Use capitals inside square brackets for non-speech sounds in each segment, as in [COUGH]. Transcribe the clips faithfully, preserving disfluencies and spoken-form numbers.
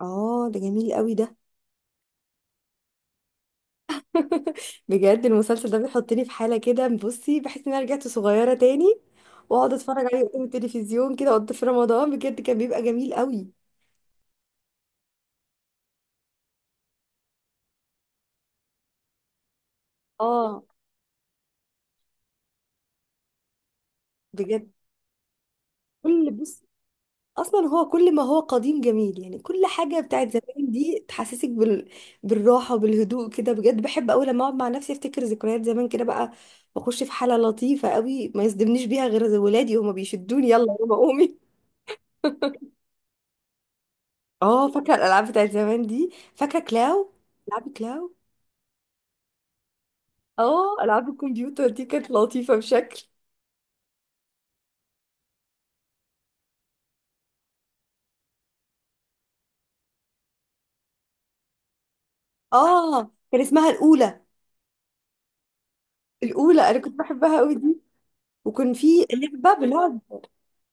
اه، ده جميل قوي ده. [LAUGHS] بجد المسلسل ده بيحطني في حالة كده. بصي، بحس ان انا رجعت صغيرة تاني واقعد اتفرج عليه قدام التلفزيون كده وقت في رمضان، بجد كان بيبقى جميل قوي. اه، بجد كل بص، اصلا هو كل ما هو قديم جميل، يعني كل حاجة بتاعت زمان دي تحسسك بال... بالراحة وبالهدوء كده. بجد بحب قوي لما اقعد مع نفسي افتكر ذكريات زمان كده بقى، واخش في حالة لطيفة قوي ما يصدمنيش بيها غير ولادي، هما بيشدوني يلا يا ماما قومي. [LAUGHS] اه، فاكره الالعاب بتاعت زمان دي، فاكره كلاو؟ العاب كلاو. اه، العاب الكمبيوتر دي كانت لطيفه بشكل. اه، كان اسمها الاولى. الاولى انا كنت بحبها قوي دي. وكان في لعبه بنقعد.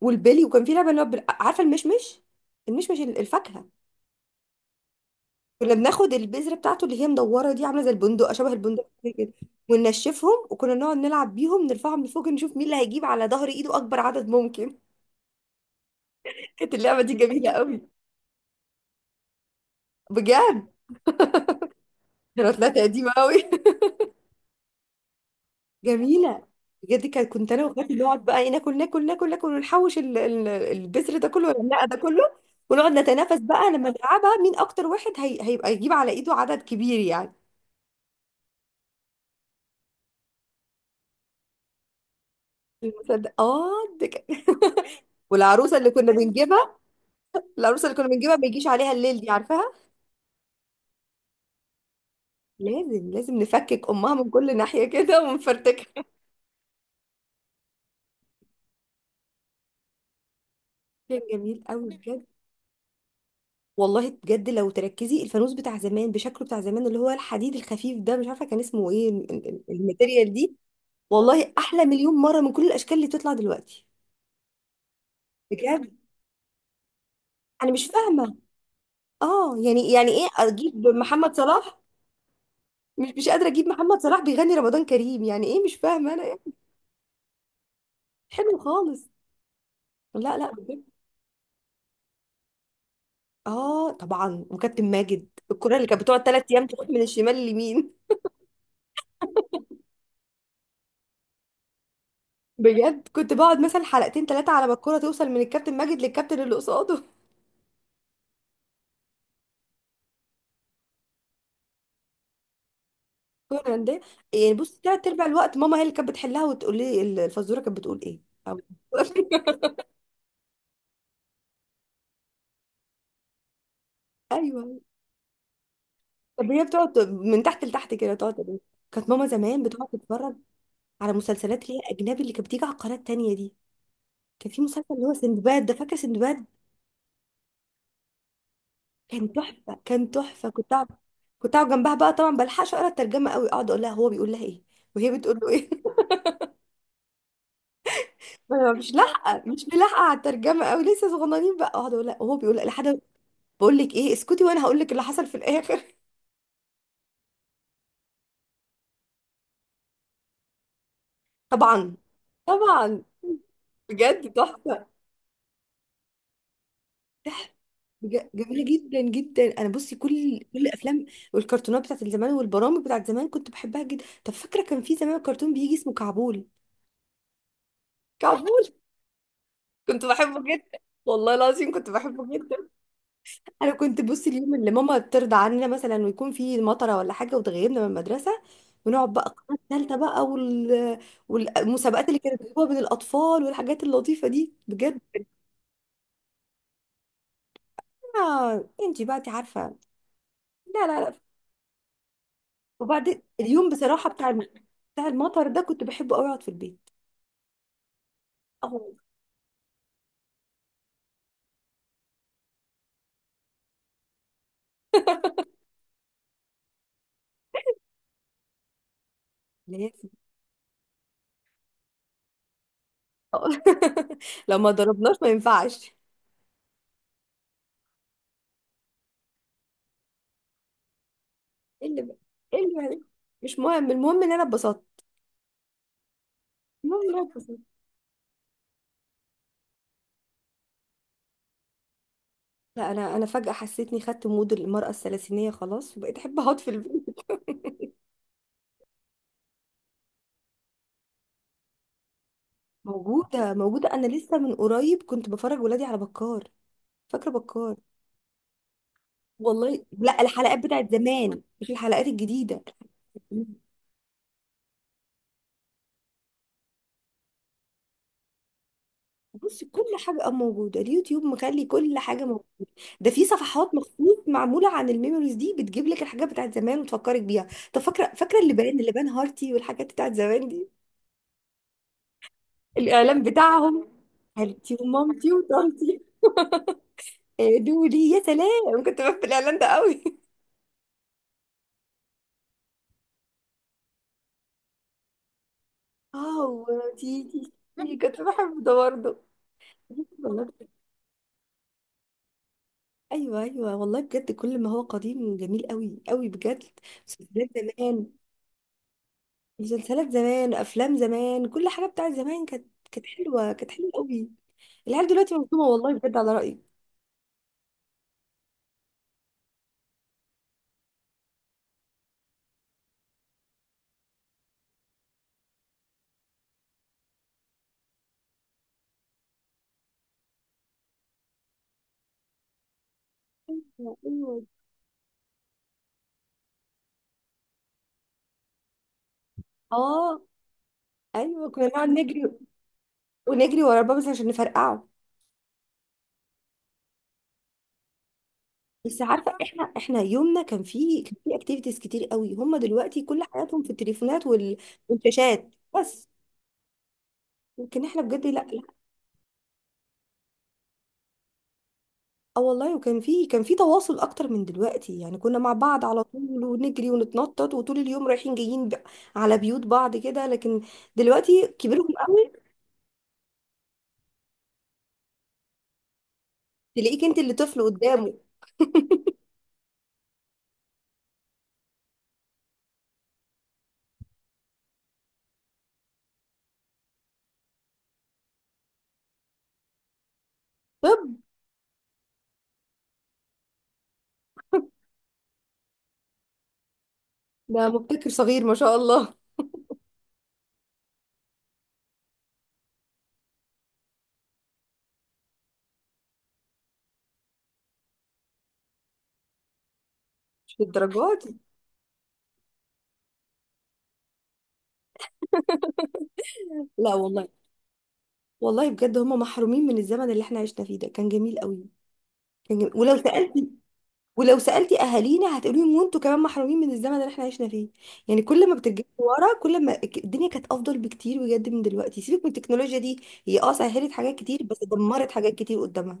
والبلي وكان في لعبه بنقعد بال- عارفه المشمش؟ المشمش ال- الفاكهه. كنا بناخد البذره بتاعته اللي هي مدوره دي، عامله زي البندق، شبه البندق كده، وننشفهم وكنا نقعد نلعب بيهم، نرفعهم لفوق نشوف مين اللي هيجيب على ظهر ايده اكبر عدد ممكن. [LAUGHS] كانت اللعبه دي جميله قوي. بجد انا طلعت قديمه قوي. جميله. بجد كان- كنت انا واخواتي نقعد بقى ايه، ناكل ناكل ناكل ناكل ونحوش ال- ال- البذر ده كله والرقه ده كله، ونقعد نتنافس بقى لما نلعبها مين اكتر واحد هي... هيبقى يجيب على ايده عدد كبير يعني. المسدس اه، ده كان- [LAUGHS] والعروسه اللي كنا بنجيبها العروسه اللي كنا بنجيبها ما يجيش عليها الليل دي، عارفاها؟ لازم لازم نفكك امها من كل ناحيه كده ونفرتكها. [LAUGHS] كان جميل قوي بجد. والله بجد لو تركزي الفانوس بتاع زمان بشكله بتاع زمان، اللي هو الحديد الخفيف ده، مش عارفه كان اسمه ايه ال- ال- ال- الماتيريال دي. والله احلى مليون مره من كل الاشكال اللي بتطلع دلوقتي. بجد انا مش فاهمه. اه، يعني يعني ايه اجيب محمد صلاح؟ مش مش قادره اجيب محمد صلاح بيغني رمضان كريم، يعني ايه مش فاهمه انا إيه؟ حلو خالص. لا لا، بجد. اه، طبعا. وكابتن ماجد الكره اللي كانت بتقعد ثلاث ايام تروح من الشمال لليمين. بجد كنت بقعد مثلا حلقتين ثلاثه على ما الكره توصل من الكابتن ماجد للكابتن اللي قصاده. [LAUGHS] كورة ده؟ يعني بص، ثلاث ارباع الوقت ماما هي اللي كانت بتحلها وتقول لي الفزوره كانت بتقول ايه. أو- [LAUGHS] ايوه. طب هي بتقعد ت- من تحت لتحت كده تقعد تقول. كانت ماما زمان بتقعد تتفرج على مسلسلات اللي هي اجنبي، اللي كانت بتيجي على القناه التانيه دي. كان في مسلسل اللي هو سندباد ده، فاكره سندباد؟ كان تحفه، كان تحفه. كنت اقعد، كنت اقعد جنبها بقى. طبعا بلحقش اقرا الترجمه قوي، اقعد اقول لها هو بيقول لها ايه وهي بتقول له ايه. [LAUGHS] أنا مش لاحقه، مش ملاحقه على الترجمه قوي لسه صغننين بقى، اقعد اقول لها هو بيقول لحد، بقول لك ايه اسكتي وانا هقول لك اللي حصل في الاخر. [LAUGHS] طبعا. طبعا. بجد تحفه. بج- جميلة جدا جدا. انا بصي كل كل الافلام والكرتونات بتاعت زمان والبرامج بتاعت زمان كنت بحبها جدا. طب فاكره كان في زمان كرتون بيجي اسمه كعبول؟ كعبول، كنت بحبه جدا. والله العظيم كنت بحبه جدا. انا كنت بصي اليوم اللي ماما ترضى عننا مثلا ويكون في مطره ولا حاجه وتغيبنا من المدرسه، ونقعد بقى القناه الثالثه بقى وال... والمسابقات اللي كانت بتجيبوها بين الاطفال والحاجات اللطيفه دي بجد. آه، انتي بقى انتي عارفه. لا لا لا. وبعد اليوم بصراحة بتاع الم- بتاع المطر ده كنت بحب قوي اقعد في البيت. اه، لازم. أه. [LAUGHS] لو ما ضربناش ما ينفعش. ايه اللي بقى ايه اللي بقى؟ مش مهم، المهم ان انا اتبسطت. المهم ان انا اتبسطت. لا، انا انا فجأة حسيتني خدت مود المرأة الثلاثينية خلاص، وبقيت احب اقعد في البيت. موجودة موجودة، انا لسه من قريب كنت بفرج ولادي على بكار. فاكرة بكار؟ والله لا، الحلقات بتاعت زمان مش الحلقات الجديدة. بص، كل حاجة موجودة، اليوتيوب مخلي كل حاجة موجودة. ده في صفحات مخصوص معمولة عن الميموريز دي، بتجيب لك الحاجات بتاعت زمان وتفكرك بيها. طب فاكرة، فاكرة اللي بان اللي بان هارتي والحاجات بتاعت زمان دي؟ الإعلان بتاعهم، هالتي ومامتي وطنطي. آه، دولي يا سلام، كنت بحب الإعلان ده قوي. [LAUGHS] اه، وتيتي. تيتي، كنت بحب ده برضه. والله. ايوه ايوه، والله بجد كل ما هو قديم جميل قوي قوي بجد. مسلسلات زمان مسلسلات زمان افلام زمان، كل حاجه بتاعت زمان كانت كانت حلوه، كانت حلوه قوي. العيال دلوقتي مظلومه والله بجد، على رايي. [LAUGHS] ايوه ايوه. اه، ايوه كنا نقعد نجري ونجري ورا البابا عشان نفرقعه. بس عارفه احنا احنا يومنا كان فيه كان فيه اكتيفيتيز كتير قوي. هم دلوقتي كل حياتهم في التليفونات وال- والشاشات بس. لكن احنا بجد، لا لا. اه، والله، وكان فيه كان فيه تواصل اكتر من دلوقتي. يعني كنا مع بعض على طول ونجري ونتنطط، وطول اليوم رايحين جايين ب- على بيوت بعض كده. لكن دلوقتي كبيرهم قوي، تلاقيك انت اللي طفل قدامه. طب ده مبتكر صغير ما شاء الله. مش للدرجه دي. لا والله، والله بجد هم محرومين من الزمن اللي احنا عشنا فيه، ده كان جميل قوي. كان جميل. ولو سالتي ولو سالتي اهالينا هتقولي لهم وانتوا كمان محرومين من الزمن اللي احنا عشنا فيه. يعني كل ما بترجعي ورا، كل ما ك- الدنيا كانت افضل بكتير بجد من دلوقتي. سيبك من التكنولوجيا دي، هي اه سهلت حاجات كتير بس دمرت حاجات كتير قدامها.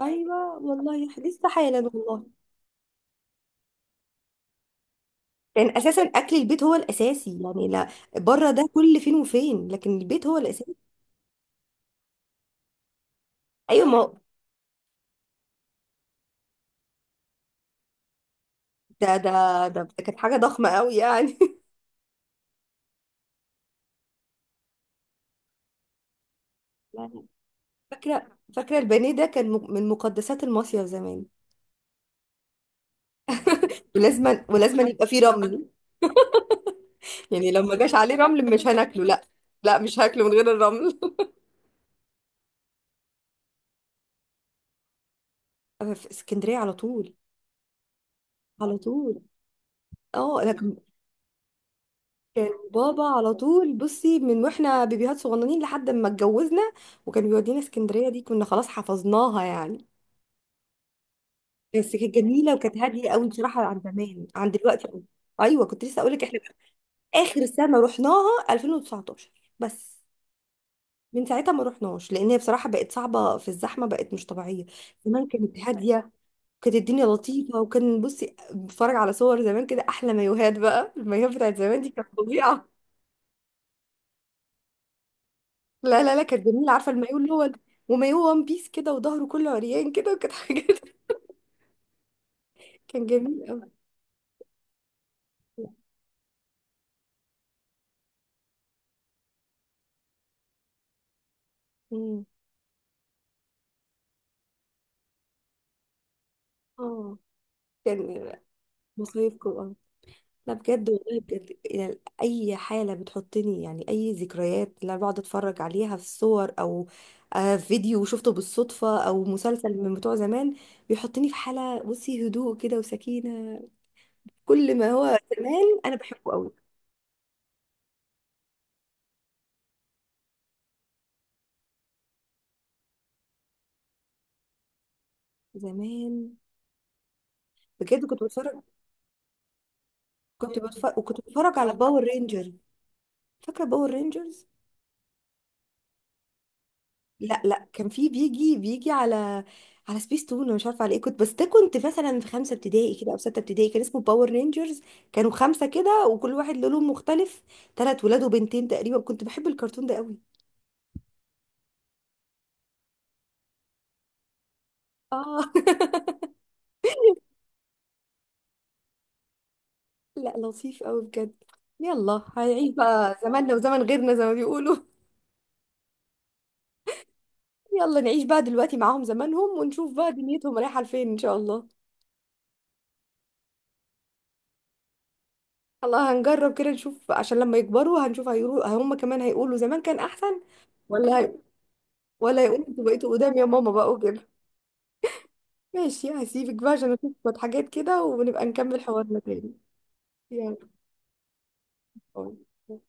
ايوه والله لسه حالا والله. كان اساسا اكل البيت هو الاساسي يعني، لا. بره ده كل فين وفين، لكن البيت هو الاساسي. ايوه ما هو. ده ده ده ده كانت حاجه ضخمه قوي يعني. يعني فاكرة فاكرة البانيه ده كان م- من مقدسات المصيف زمان. ولازما ولازما يبقى فيه رمل، يعني لو ما جاش عليه رمل مش هناكله. لا لا، مش هاكله من غير الرمل. [LAUGHS] في اسكندرية على طول. على طول. اه، لكن كان كان بابا على طول بصي من واحنا بيبيهات صغننين لحد ما اتجوزنا، وكان بيودينا اسكندرية دي كنا خلاص حفظناها يعني. بس كانت جميلة وكانت هادية قوي بصراحة عن زمان، عن دلوقتي قوي. ايوه كنت لسه اقول لك احنا اخر سنة رحناها ألفين وتسعطاشر بس. من ساعتها ما رحناش لان هي بصراحه بقت صعبه، في الزحمه بقت مش طبيعيه. زمان كانت هاديه، كانت الدنيا لطيفه. وكان بصي بتفرج على صور زمان كده احلى مايوهات بقى. المايوهات بتاعت زمان دي كانت فظيعه. لا لا لا، كانت جميله. عارفه المايوه اللي هو ومايوه وان بيس كده، وظهره كله عريان كده، وكانت حاجه. [LAUGHS] كان جميل قوي. اه، كان مصايف كده. لا بجد، والله بجد، يعني اي حاله بتحطني، يعني اي ذكريات اللي انا بقعد اتفرج عليها في صور، او آه، فيديو شفته بالصدفه، او مسلسل من بتوع زمان بيحطني في حاله بصي، هدوء كده وسكينه. كل ما هو زمان انا بحبه قوي. زمان بجد كنت بتفرج كنت بتفرج وكنت بتفرج على باور رينجر. فاكره باور رينجرز؟ لا لا، كان في بيجي بيجي على على سبيس تون. انا مش عارفه على ايه كنت. بس ده كنت مثلا في خمسه ابتدائي كده او سته ابتدائي، كان اسمه باور رينجرز. كانوا خمسه كده وكل واحد له لون مختلف، ثلاث ولاد وبنتين تقريبا. كنت بحب الكرتون ده قوي. اه. [LAUGHS] لا، لطيف قوي بجد. يلا هنعيش بقى زماننا وزمن غيرنا زي ما بيقولوا. يلا نعيش بقى دلوقتي معاهم زمانهم ونشوف بقى دنيتهم رايحه لفين ان شاء الله. الله، هنجرب كده نشوف عشان لما يكبروا هنشوف هيقولوا، هم كمان هيقولوا زمان كان احسن. ولا ولا يقول انتوا بقيتوا قدام يا ماما بقى وكده. ماشي، هسيبك بقى عشان اشوف شوية حاجات كده ونبقى نكمل حوارنا تاني. يلا، باي.